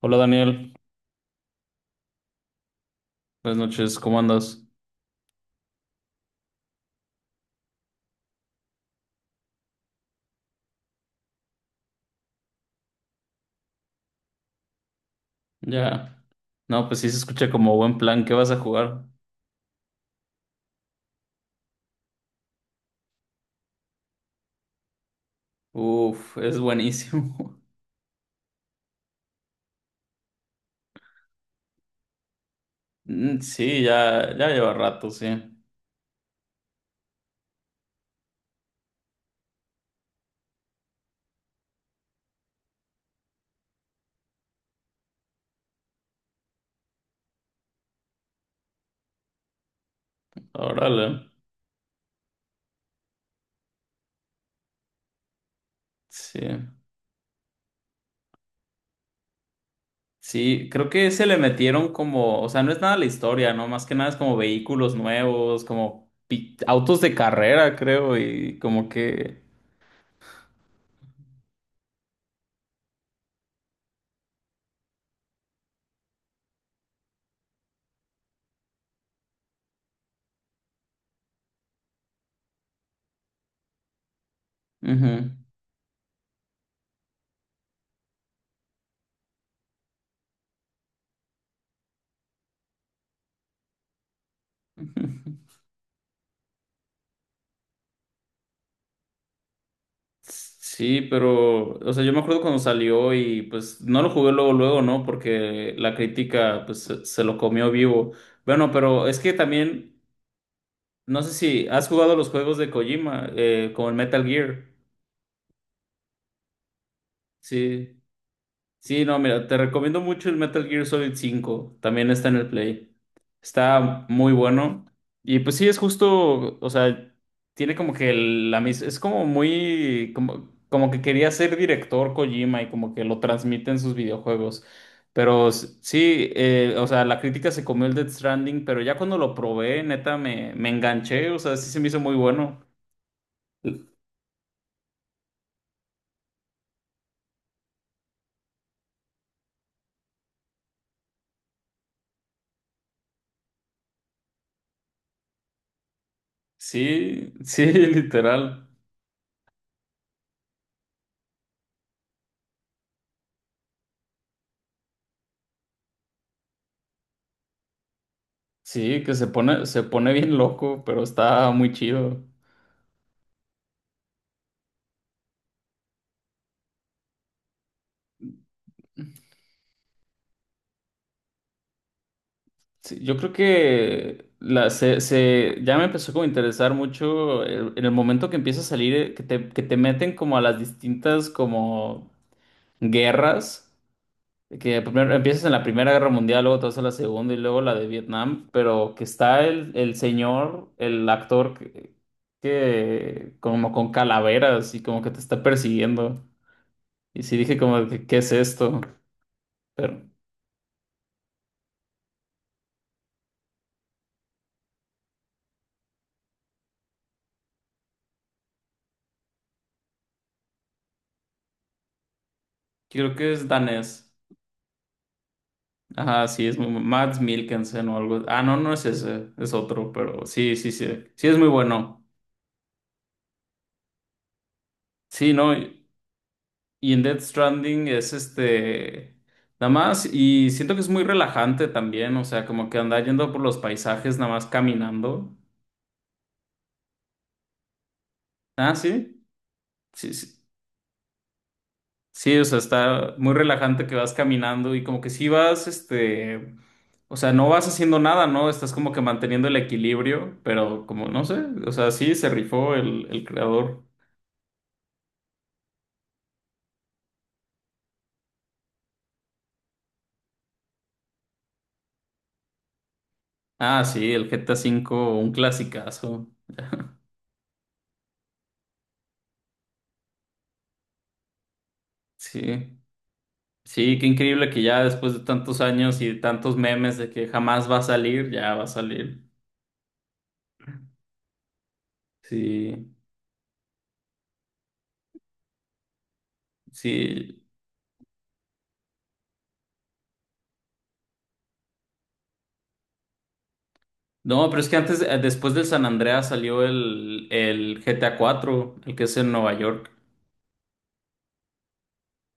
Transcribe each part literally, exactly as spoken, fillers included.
Hola Daniel, buenas noches, ¿cómo andas? Ya. No, pues sí se escucha como buen plan, ¿qué vas a jugar? Uf, es buenísimo. Mm, sí, ya, ya lleva rato, sí. Órale. Sí. Sí, creo que se le metieron como, o sea, no es nada la historia, ¿no? Más que nada es como vehículos nuevos, como pi- autos de carrera, creo, y como que. Ujú. Sí, pero, o sea, yo me acuerdo cuando salió y pues no lo jugué luego, luego, ¿no? Porque la crítica pues se, se lo comió vivo. Bueno, pero es que también, no sé si has jugado los juegos de Kojima, eh, como el Metal Gear. Sí. Sí, no, mira, te recomiendo mucho el Metal Gear Solid cinco. También está en el Play. Está muy bueno. Y pues sí, es justo, o sea, tiene como que el- la misma, es como muy, como, como que quería ser director Kojima y como que lo transmite en sus videojuegos. Pero s- sí, eh, o sea, la crítica se comió el Death Stranding, pero ya cuando lo probé, neta, me, me enganché, o sea, sí se me hizo muy bueno. Sí, sí, literal. Sí, que se pone, se pone bien loco, pero está muy chido. Sí, yo creo que la, se, se, ya me empezó como a interesar mucho el- en el momento que empieza a salir, eh, que te, que te meten como a las distintas como guerras, que primero empiezas en la Primera Guerra Mundial, luego te vas a la Segunda y luego la de Vietnam, pero que está el, el señor, el actor que, que como con calaveras y como que te está persiguiendo. Y sí dije como, de que, ¿qué es esto? Pero... Creo que es danés. Ajá, sí, es muy, Mads Mikkelsen o algo. Ah, no, no es ese, es otro, pero sí, sí, sí. Sí, es muy bueno. Sí, no. Y y en Death Stranding es este. Nada más, y siento que es muy relajante también, o sea, como que anda yendo por los paisajes, nada más caminando. Ah, sí. Sí, sí. Sí, o sea, está muy relajante que vas caminando y como que sí vas, este, o sea, no vas haciendo nada, ¿no? Estás como que manteniendo el equilibrio, pero como, no sé, o sea, sí, se rifó el, el creador. Ah, sí, el G T A cinco, un clasicazo. Sí, sí, qué increíble que ya después de tantos años y de tantos memes de que jamás va a salir, ya va a salir. Sí, sí. No, pero es que antes, eh, después del San Andreas salió el, el G T A cuatro, el que es en Nueva York.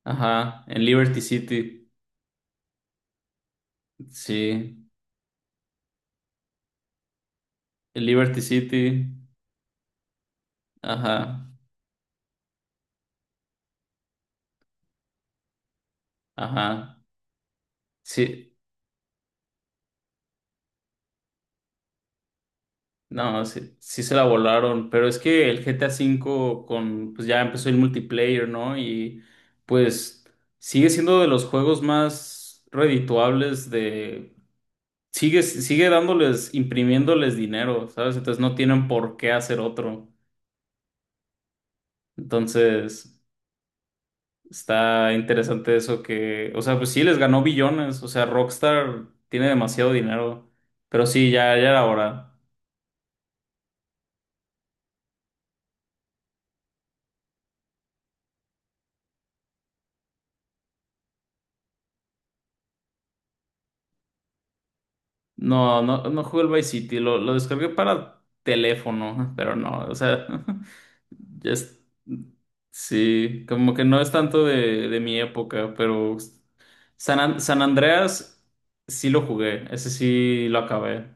Ajá, en Liberty City. Sí, en Liberty City. Ajá, ajá. Sí, no, sí, sí se la volaron, pero es que el G T A V con, pues ya empezó el multiplayer, ¿no? Y pues sigue siendo de los juegos más redituables de. Sigue, sigue dándoles, imprimiéndoles dinero, ¿sabes? Entonces no tienen por qué hacer otro. Entonces... Está interesante eso que, o sea, pues sí les ganó billones, o sea, Rockstar tiene demasiado dinero, pero sí, ya, ya era hora. No, no, no jugué el Vice City, lo, lo descargué para teléfono, pero no, o sea, ya es- sí, como que no es tanto de, de, mi época, pero San, An- San Andreas sí lo jugué, ese sí lo acabé,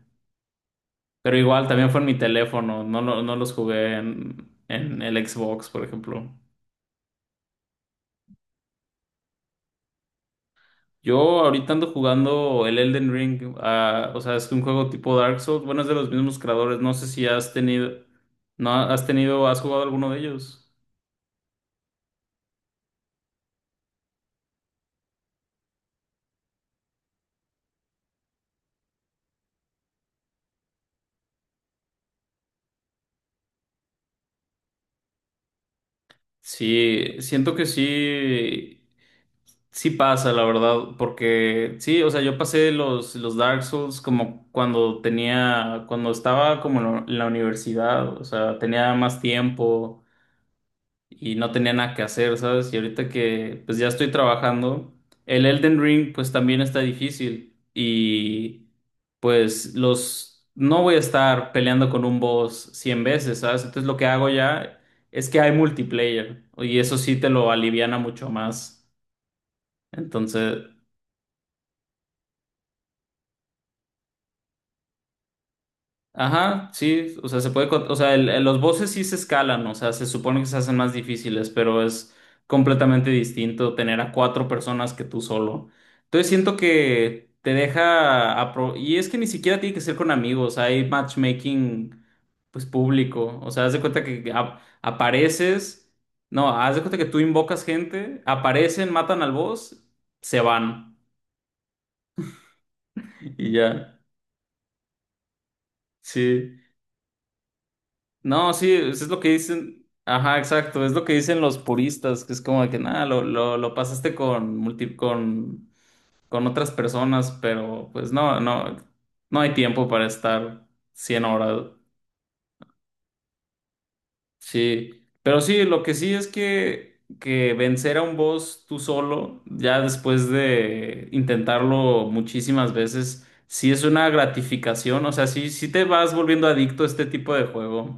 pero igual también fue en mi teléfono, no, lo- no los jugué en, en el Xbox, por ejemplo. Yo ahorita ando jugando el Elden Ring, ah, o sea, es un juego tipo Dark Souls, bueno, es de los mismos creadores, no sé si has tenido, no has tenido, has jugado alguno de ellos. Sí, siento que sí, sí pasa, la verdad, porque sí, o sea, yo pasé los, los, Dark Souls como cuando tenía, cuando estaba como en la en la universidad, o sea, tenía más tiempo. Y no tenía nada que hacer, ¿sabes? Y ahorita que pues ya estoy trabajando, el Elden Ring pues también está difícil y pues los no voy a estar peleando con un boss cien veces, ¿sabes? Entonces lo que hago ya es que hay multiplayer y eso sí te lo aliviana mucho más. Entonces, Ajá, sí, o sea, se puede, cont- o sea, el- el- los voces sí se escalan, o sea, se supone que se hacen más difíciles, pero es completamente distinto tener a cuatro personas que tú solo. Entonces siento que te deja, apro- y es que ni siquiera tiene que ser con amigos, hay matchmaking, pues público, o sea, haz de cuenta que a- apareces, no, haz de cuenta que tú invocas gente, aparecen, matan al boss, se van, y ya, sí. No, sí, es es lo que dicen. Ajá, exacto, es lo que dicen los puristas, que es como de que nada, lo, lo, lo pasaste con, multi, con, con otras personas, pero pues no, no, no hay tiempo para estar cien horas. Sí, pero sí, lo que sí es que, que vencer a un boss tú solo, ya después de intentarlo muchísimas veces, sí es una gratificación, o sea, sí, sí te vas volviendo adicto a este tipo de juego.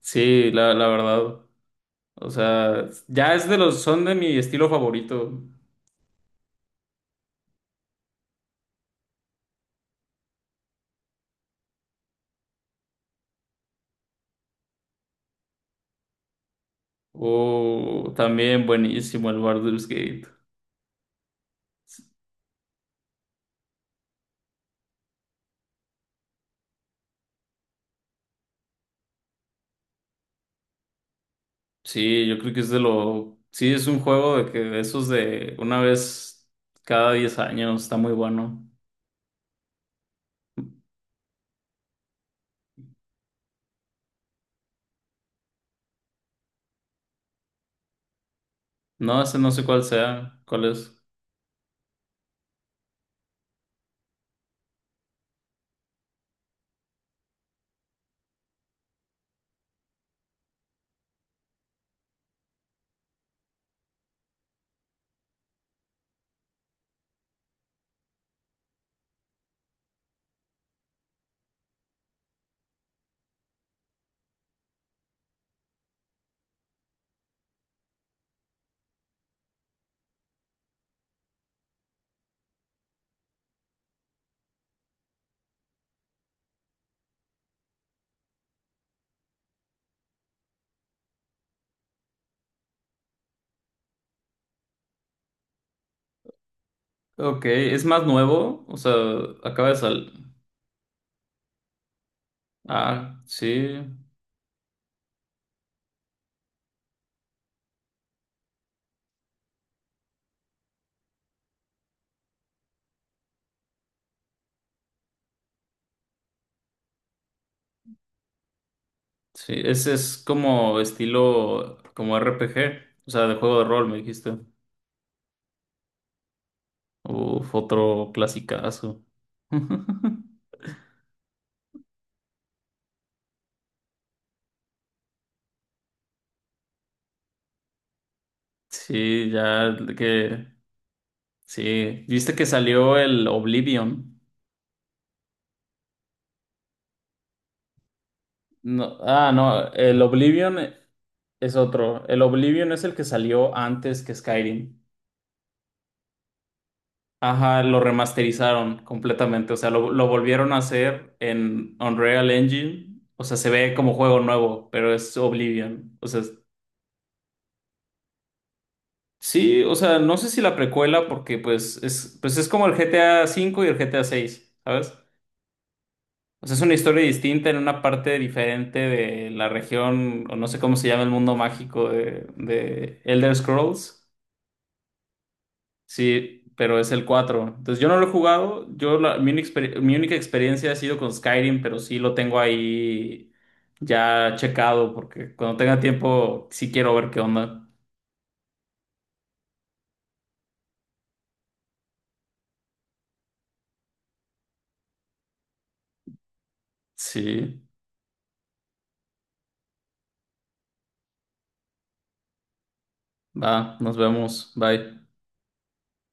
Sí, la, la verdad. O sea, ya es de los, son de mi estilo favorito. O también buenísimo el Baldur's Gate. Sí, yo creo que es de lo, sí, es un juego de que de esos de una vez cada diez años, está muy bueno. No, ese no sé cuál sea, cuál es. Ok, es más nuevo, o sea, acaba de salir. Ah, sí, sí, ese es como estilo, como R P G, o sea, de juego de rol, me dijiste. Uf, otro clasicazo. Sí, ya que sí, viste que salió el Oblivion. No, ah, no, el Oblivion es otro. El Oblivion es el que salió antes que Skyrim. Ajá, lo remasterizaron completamente, o sea, lo, lo volvieron a hacer en Unreal Engine. O sea, se ve como juego nuevo, pero es Oblivion. O sea, sí, o sea, no sé si la precuela porque pues es pues es como el G T A cinco y el G T A seis, ¿sabes? O sea, es una historia distinta en una parte diferente de la región, o no sé cómo se llama el mundo mágico de, de Elder Scrolls. Sí, pero es el cuatro. Entonces, yo no lo he jugado. Yo la- mi, única exper- mi única experiencia ha sido con Skyrim, pero sí lo tengo ahí ya checado, porque cuando tenga tiempo sí quiero ver qué onda. Sí, va, nos vemos. Bye.